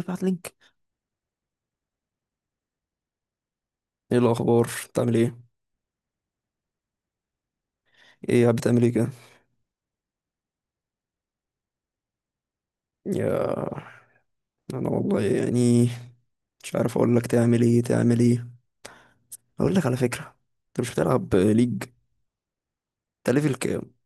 ابعت لينك. ايه الاخبار، بتعمل ايه؟ ايه قاعد بتعمل ايه كده؟ يا انا والله مش عارف اقول لك تعمل ايه تعمل ايه. اقول لك على فكره، انت مش بتلعب ليج؟ انت ليفل كام؟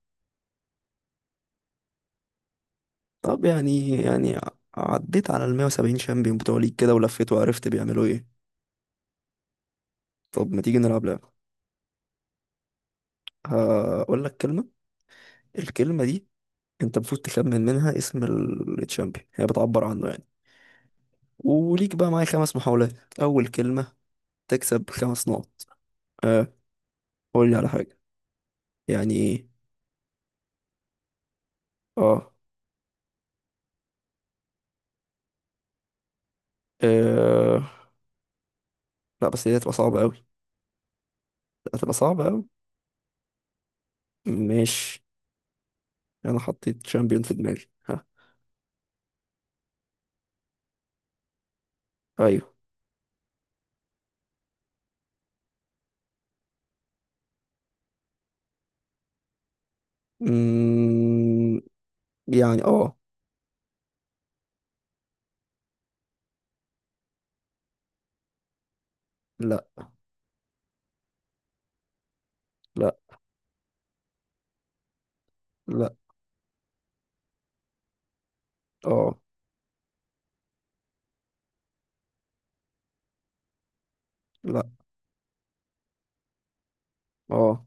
طب عديت على ال 170 شامبيون بتوع ليج كده ولفيت وعرفت بيعملوا ايه؟ طب ما تيجي نلعب لعبه؟ هقول لك كلمه، الكلمه دي انت المفروض تخمن منها اسم الشامبيون هي بتعبر عنه يعني. وليك بقى معايا خمس محاولات. اول كلمه تكسب خمس نقط. أه، قول لي على حاجه. يعني ايه؟ اه. آه، لا بس دي هتبقى صعبة أوي. لا، هتبقى صعبة أوي. ماشي. أنا حطيت شامبيون في دماغي، ها. أيوه. مم... يعني اه. لا لا لا. اه. لا. اه.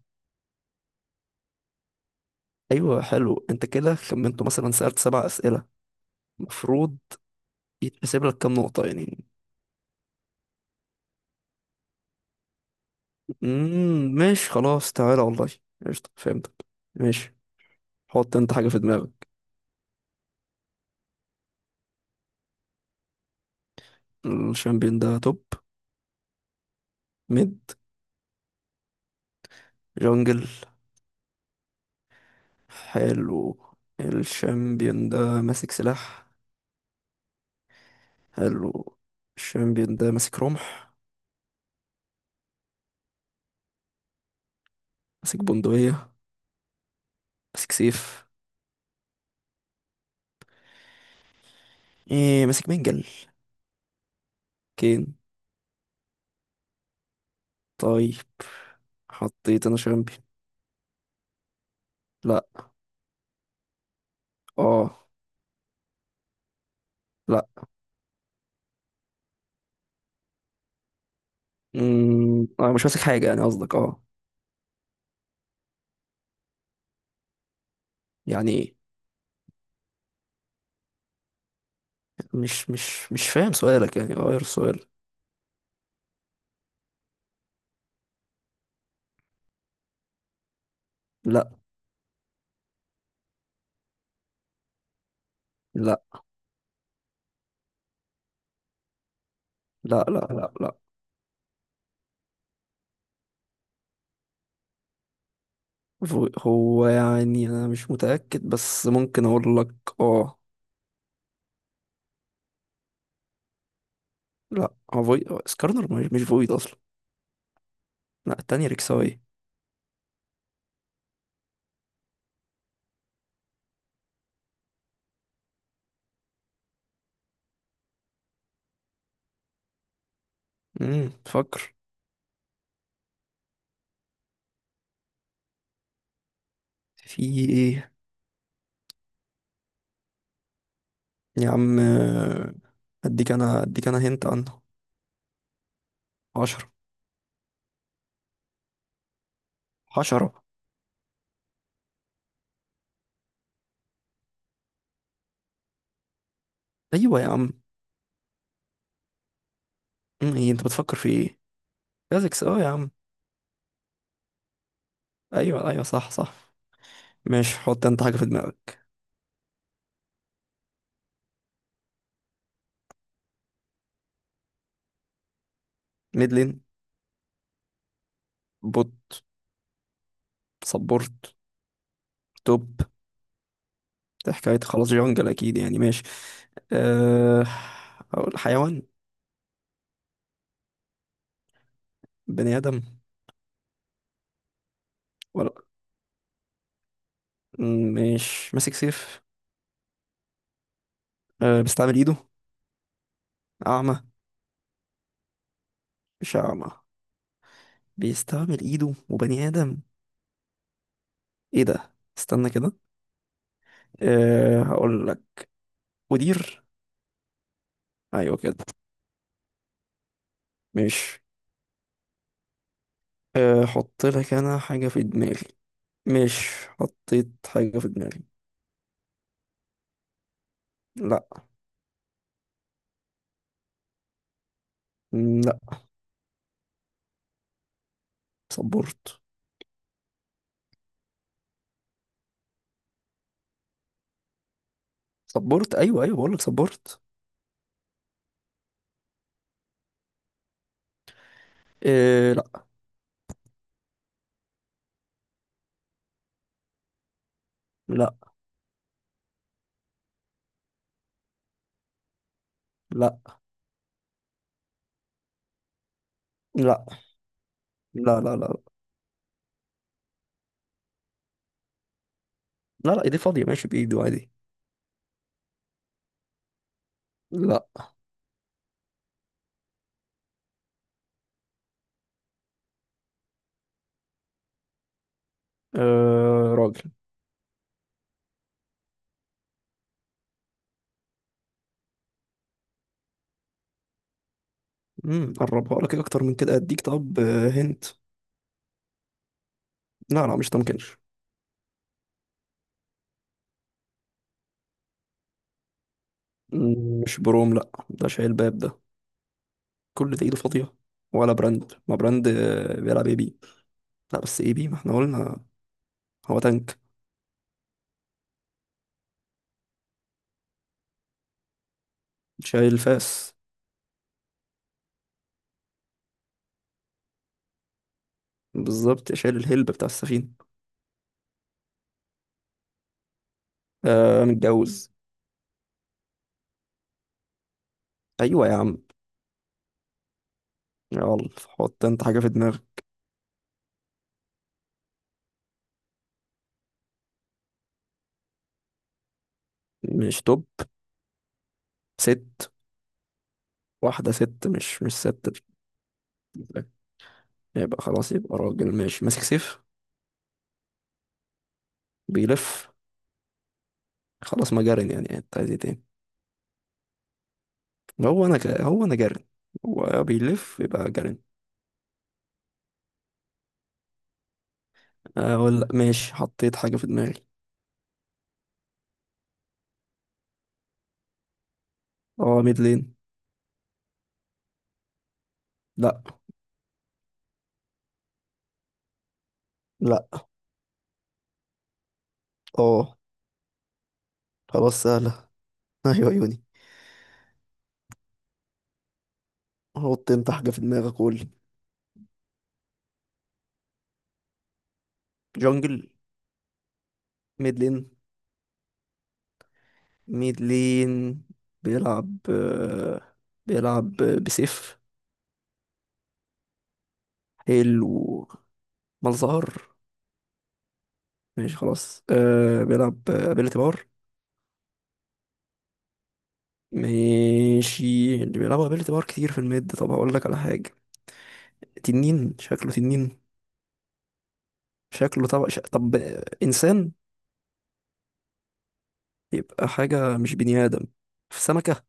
أيوه حلو، أنت كده خمنته. مثلا سألت سبع أسئلة، المفروض يتحسب لك كام نقطة يعني؟ مم... ماشي خلاص، تعالى والله. قشطة، فهمتك. ماشي، حط أنت حاجة في دماغك. الشامبيون ده توب؟ ميد؟ جونجل؟ حلو. الشامبيون ده ماسك سلاح؟ حلو. الشامبيون ده ماسك رمح؟ ماسك بندقية؟ ماسك سيف؟ ايه ماسك منجل؟ كين. طيب، حطيت انا شامبيون. لا. اه. لا. اه مش ماسك حاجة يعني قصدك؟ اه. يعني ايه؟ مش فاهم سؤالك يعني، غير السؤال. لا لا لا لا. لا. لا. هو يعني انا مش متأكد بس ممكن اقول لك اه. لا هو فويد. سكارنر مش فويد اصلا. لا، التانية ركساوي. فكر. في ايه؟ يا عم آه، اديك انا، اديك انا هنت عنه. عشرة. عشرة. ايوه يا عم. مم، ايه انت بتفكر في ايه؟ كازكس. اه يا عم، ايوه ايوه، صح صح. ماشي، حط انت حاجة في دماغك. ميدلين؟ بوت؟ سبورت؟ توب؟ ده حكاية خلاص، جونجل اكيد يعني، ماشي. أه... اقول حيوان؟ بني ادم؟ ولا. مم، مش ماسك سيف؟ أه... بيستعمل ايده؟ اعمى؟ مش اعمى، بيستعمل ايده وبني ادم. ايه ده، استنى كده. أه هقول لك، مدير. ايوه كده. مش أه، حط لك انا حاجه في دماغي. مش حطيت حاجه في دماغي. لا. م، لا. صبرت. صبرت ايوه، ايوه بقول لك صبرت. أه لا. لا. لا. لا. لا لا لا لا. لا، ايدي فاضيه، ماشي بايده عادي. لا. أه راجل. قربها لك إيه اكتر من كده؟ اديك طب آه، هنت. لا لا مش تمكنش. مم، مش بروم، لا ده شايل باب ده. كل ده ايده فاضيه، ولا براند. ما براند آه، بيلعب اي بي. لا بس اي بي ما احنا قلنا. هو تانك، شايل الفاس. بالظبط، شايل الهلب بتاع السفينه. آه متجوز. ايوه يا عم، يلا حط انت حاجه في دماغك. مش توب. ست. واحده ست؟ مش ست؟ يبقى خلاص يبقى راجل، ماشي، ماسك سيف، بيلف، خلاص ما جارن يعني، انت عايز ايه تاني؟ هو انا هو انا جارن. هو بيلف يبقى جارن. اقول ماشي، حطيت حاجه في دماغي. اه ميد لين. لا. لا. اه. خلاص سهلة. ايوه، عيوني. حط انت حاجة في دماغك، قول. جونجل؟ ميد لين. ميد لين، بيلعب آه، بيلعب بسيف؟ حلو. مالظهر؟ ماشي خلاص. أه بيلعب ابيلتي بار. ماشي، اللي بيلعبوا ابيلتي بار كتير في الميد. طب هقول لك على حاجة. تنين؟ شكله تنين؟ شكله طب طب آه، انسان؟ يبقى حاجة مش بني ادم. في سمكة.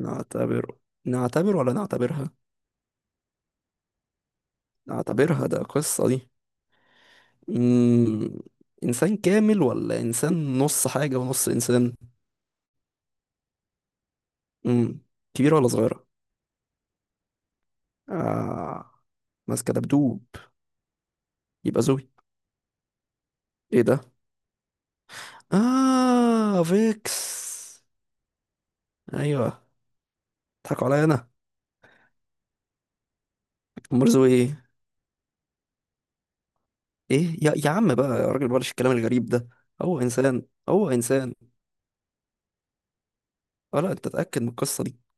نعتبره؟ نعتبر ولا نعتبرها؟ اعتبرها ده، قصة دي. مم. انسان كامل ولا انسان نص حاجة ونص انسان؟ مم. كبيرة ولا صغيرة؟ آه. ماسكة دبدوب؟ يبقى زوي. ايه ده، اه فيكس. ايوه، اضحكوا عليا انا. امال زوي ايه؟ ايه يا, يا عم بقى يا راجل، بلاش الكلام الغريب ده. هو انسان، هو انسان. اه لا، انت اتأكد من القصة دي.